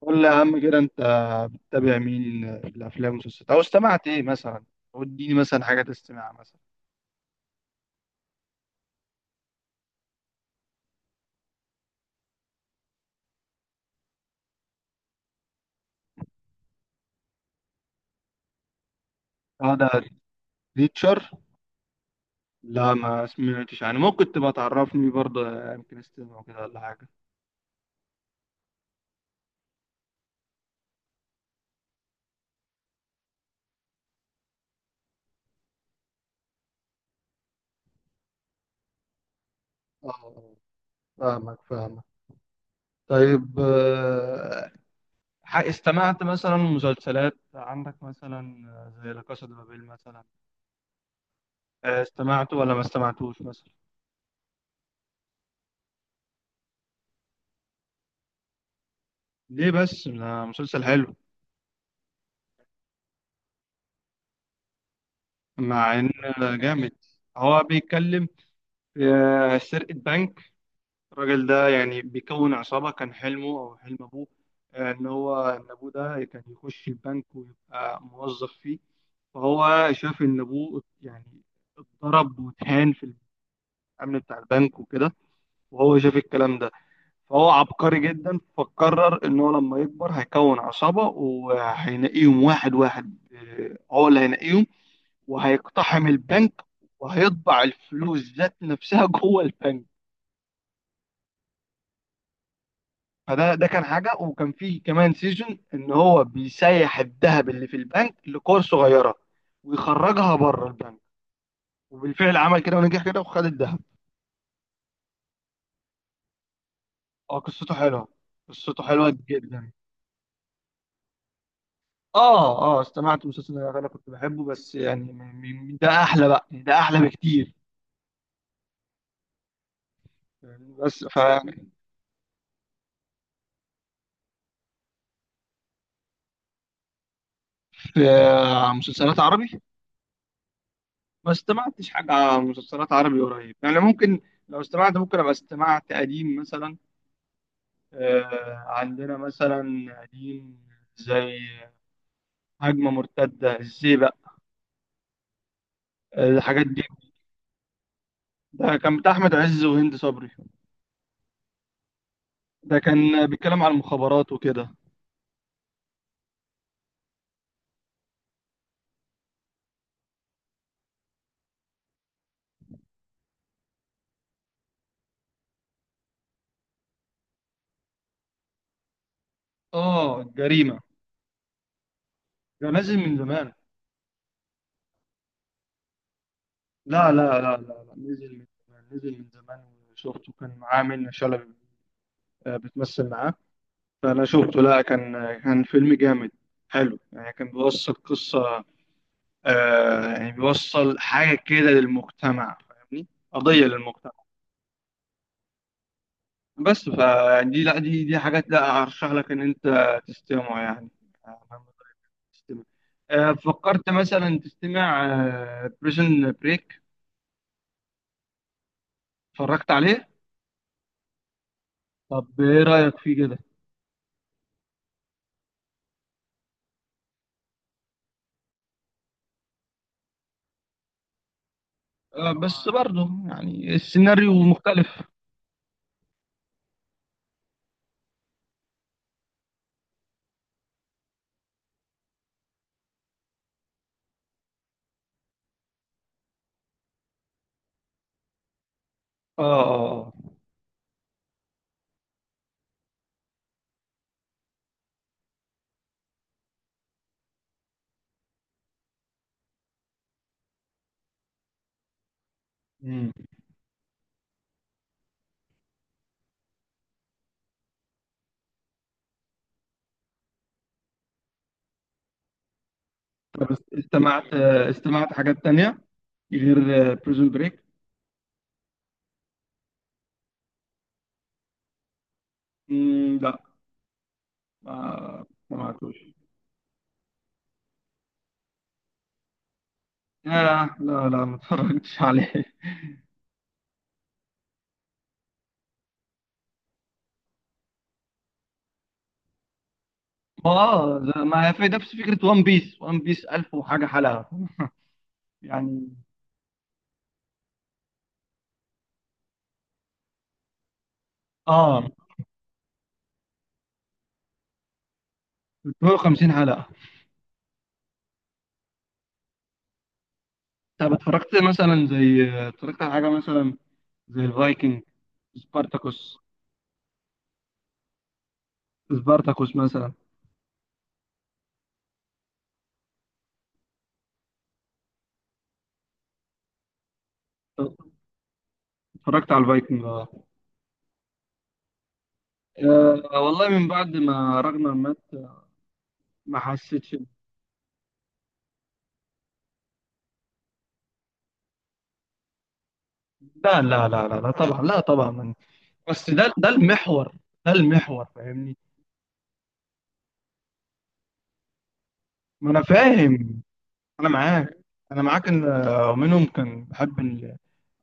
قول لي يا عم كده انت بتتابع مين الافلام والمسلسلات او استمعت ايه مثلا. وديني مثلا حاجه تستمع مثلا. اه، ده ريتشر. لا ما سمعتش يعني، ممكن تبقى تعرفني برضه، يمكن استمع كده ولا حاجه. اه، فاهمك. طيب استمعت مثلا مسلسلات عندك مثلا؟ زي لا كاسا دي بابيل مثلا؟ استمعته ولا ما استمعتوش مثلا؟ ليه بس؟ ده مسلسل حلو. مع ان جامد، هو بيتكلم سرقة بنك. الراجل ده يعني بيكون عصابة، كان حلمه أو حلم أبوه إن هو، إن أبوه ده كان يخش البنك ويبقى موظف فيه. فهو شاف إن أبوه يعني اتضرب واتهان في الأمن بتاع البنك وكده، وهو شاف الكلام ده. فهو عبقري جدا، فقرر إن هو لما يكبر هيكون عصابة، وهينقيهم واحد واحد، هو اللي هينقيهم وهيقتحم البنك وهيطبع الفلوس ذات نفسها جوه البنك. فده، ده كان حاجه. وكان فيه كمان سيزون ان هو بيسيح الذهب اللي في البنك لكور صغيره ويخرجها بره البنك، وبالفعل عمل كده ونجح كده وخد الذهب. اه، قصته حلوه، قصته حلوه جدا. اه اه، استمعت مسلسل ده، انا كنت بحبه، بس يعني ده احلى بقى، يعني ده احلى بكتير. يعني بس ف في مسلسلات عربي، ما استمعتش حاجه مسلسلات عربي قريب، يعني ممكن لو استمعت ممكن ابقى استمعت قديم مثلا. عندنا مثلا قديم زي هجمة مرتدة، الزيبق، الحاجات دي. ده كان بتاع أحمد عز وهند صبري، ده كان بيتكلم عن المخابرات وكده. اه، الجريمة ده نازل من زمان. لا، نزل من زمان، نزل من زمان. وشفته، كان معاه منة شلبي بتمثل معاه. فأنا شفته، لا كان كان فيلم جامد، حلو يعني، كان بيوصل قصة، آه، يعني بيوصل حاجة كده للمجتمع، فاهمني، قضية للمجتمع. بس فدي لا دي دي حاجات لا ارشح لك ان انت تستمع يعني، آه، تستمع. فكرت مثلا تستمع بريزن بريك؟ اتفرجت عليه؟ طب ايه رايك فيه كده؟ بس برضه يعني السيناريو مختلف. اه، آه، آه. مم. طب استمعت، استمعت حاجات تانية غير بريزون بريك؟ لا. ما ما سمعتوش. لا لا لا، ما اتفرجتش عليه. ما اه ده- ما في نفس فكرة وان بيس، وان بيس 1000 وحاجة حلقة يعني. اه، 350 حلقة. طب اتفرجت مثلا، زي اتفرجت على حاجة مثلا زي الفايكنج، سبارتاكوس، سبارتاكوس مثلا؟ اتفرجت على الفايكنج اه. والله من بعد ما راجنر مات ما حسيتش. لا طبعا، لا طبعا من. بس ده، ده المحور، ده المحور، فاهمني؟ ما انا فاهم، انا معاك، انا معاك ان منهم كان بحب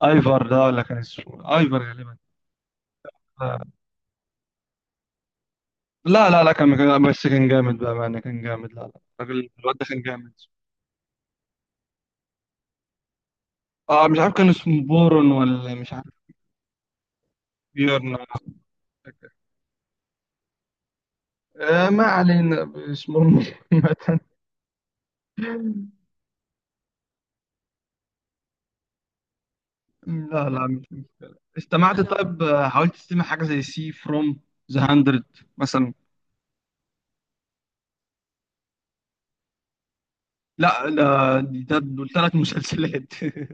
ايفر ده، ولا كان اسمه ايفر غالبا. آه. لا لا لا، بس كان جامد، بقى معنى كان جامد، لا لا، الراجل الواد ده كان جامد. اه، مش عارف كان اسمه بورون، ولا مش عارف. بيورن. آه، ما علينا اسمه. لا لا، مش استمعت. طيب حاولت تستمع حاجة زي سي فروم ذا 100 مثلا؟ لا لا. ده دول ثلاث مسلسلات.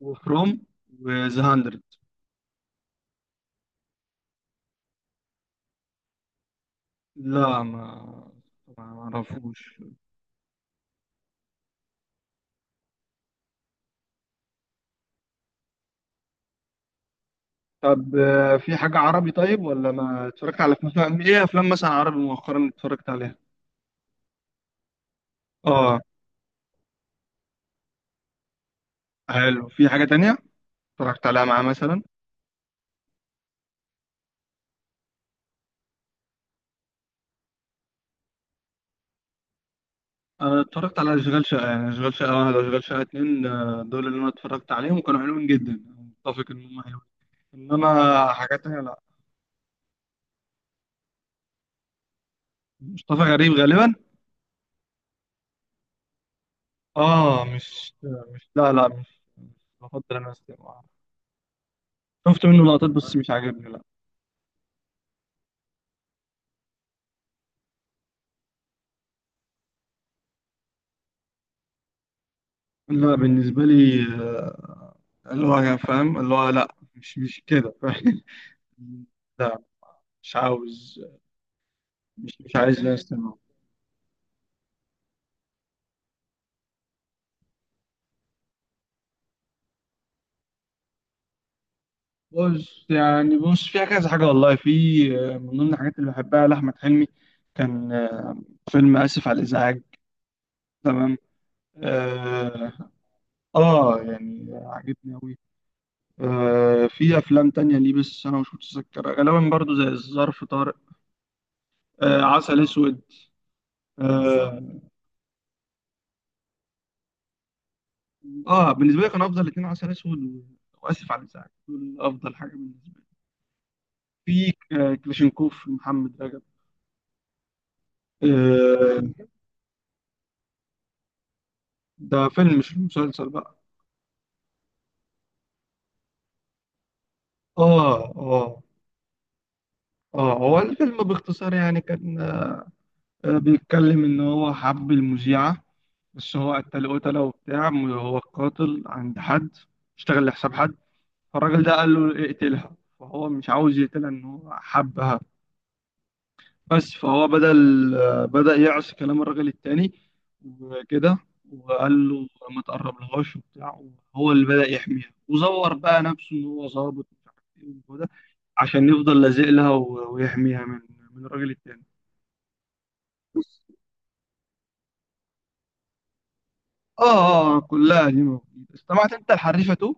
وفروم وذا 100. لا، ما ما اعرفوش. طب في حاجة عربي طيب ولا ما اتفرجت على افلام؟ ايه افلام مثلا عربي مؤخرا اتفرجت عليها؟ اه، حلو. في حاجة تانية اتفرجت عليها معاه مثلا؟ انا اتفرجت على اشغال شقة، يعني اشغال شقة واحد واشغال شقة اتنين، دول اللي انا اتفرجت عليهم، وكانوا حلوين جدا. متفق ان هم حلوين، انما حاجات تانية لا. مصطفى غريب غالبا. اه، مش مش لا لا مش مش بفضل انا أسمع. شفت منه لقطات بس مش عاجبني لا. لا، بالنسبة لي، اللي هو فاهم، اللي هو لا مش مش كده، فاهم؟ لا، مش عاوز، مش عايز لا استمع. بص يعني، بص فيها كذا حاجة، والله في من ضمن الحاجات اللي بحبها لأحمد حلمي، كان فيلم آسف على الإزعاج. تمام، آه, آه، يعني عجبني أوي. آه، في أفلام تانية ليه بس أنا مش متذكرها غالبا، برضو زي الظرف طارق، آه، عسل أسود، آه. اه بالنسبه لي كان افضل اتنين، عسل اسود واسف على الازعاج، دول افضل حاجه بالنسبه لي. في كلاشينكوف، محمد رجب، آه. ده فيلم مش مسلسل بقى. اه اه، اه هو الفيلم باختصار يعني كان بيتكلم ان هو حب المذيعه، بس هو قتل، قتله وبتاع، هو القاتل عند حد، اشتغل لحساب حد. فالراجل ده قال له اقتلها، فهو مش عاوز يقتلها ان هو حبها. بس فهو بدأ يعصي كلام الراجل التاني وكده، وقال له ما تقربلهاش وبتاع. هو اللي بدأ يحميها، وزور بقى نفسه إن هو ظابط ومش عارف إيه وكده، عشان يفضل لازق لها ويحميها من من الراجل التاني. كلها دي موجودة. استمعت أنت الحريفة تو؟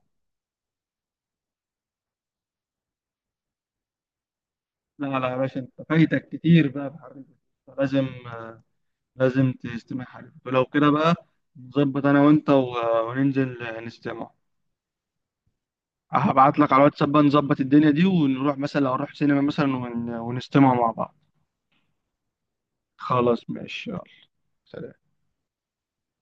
لا لا يا باشا، أنت فايتك كتير بقى في الحريفة تو. لازم تستمع حريفة تو. لو كده بقى نظبط أنا وأنت وننزل نستمع. هبعت لك على الواتساب بقى، نظبط الدنيا دي، ونروح مثلا، لو نروح سينما مثلا ونستمع مع بعض. خلاص ماشي يلا. سلام.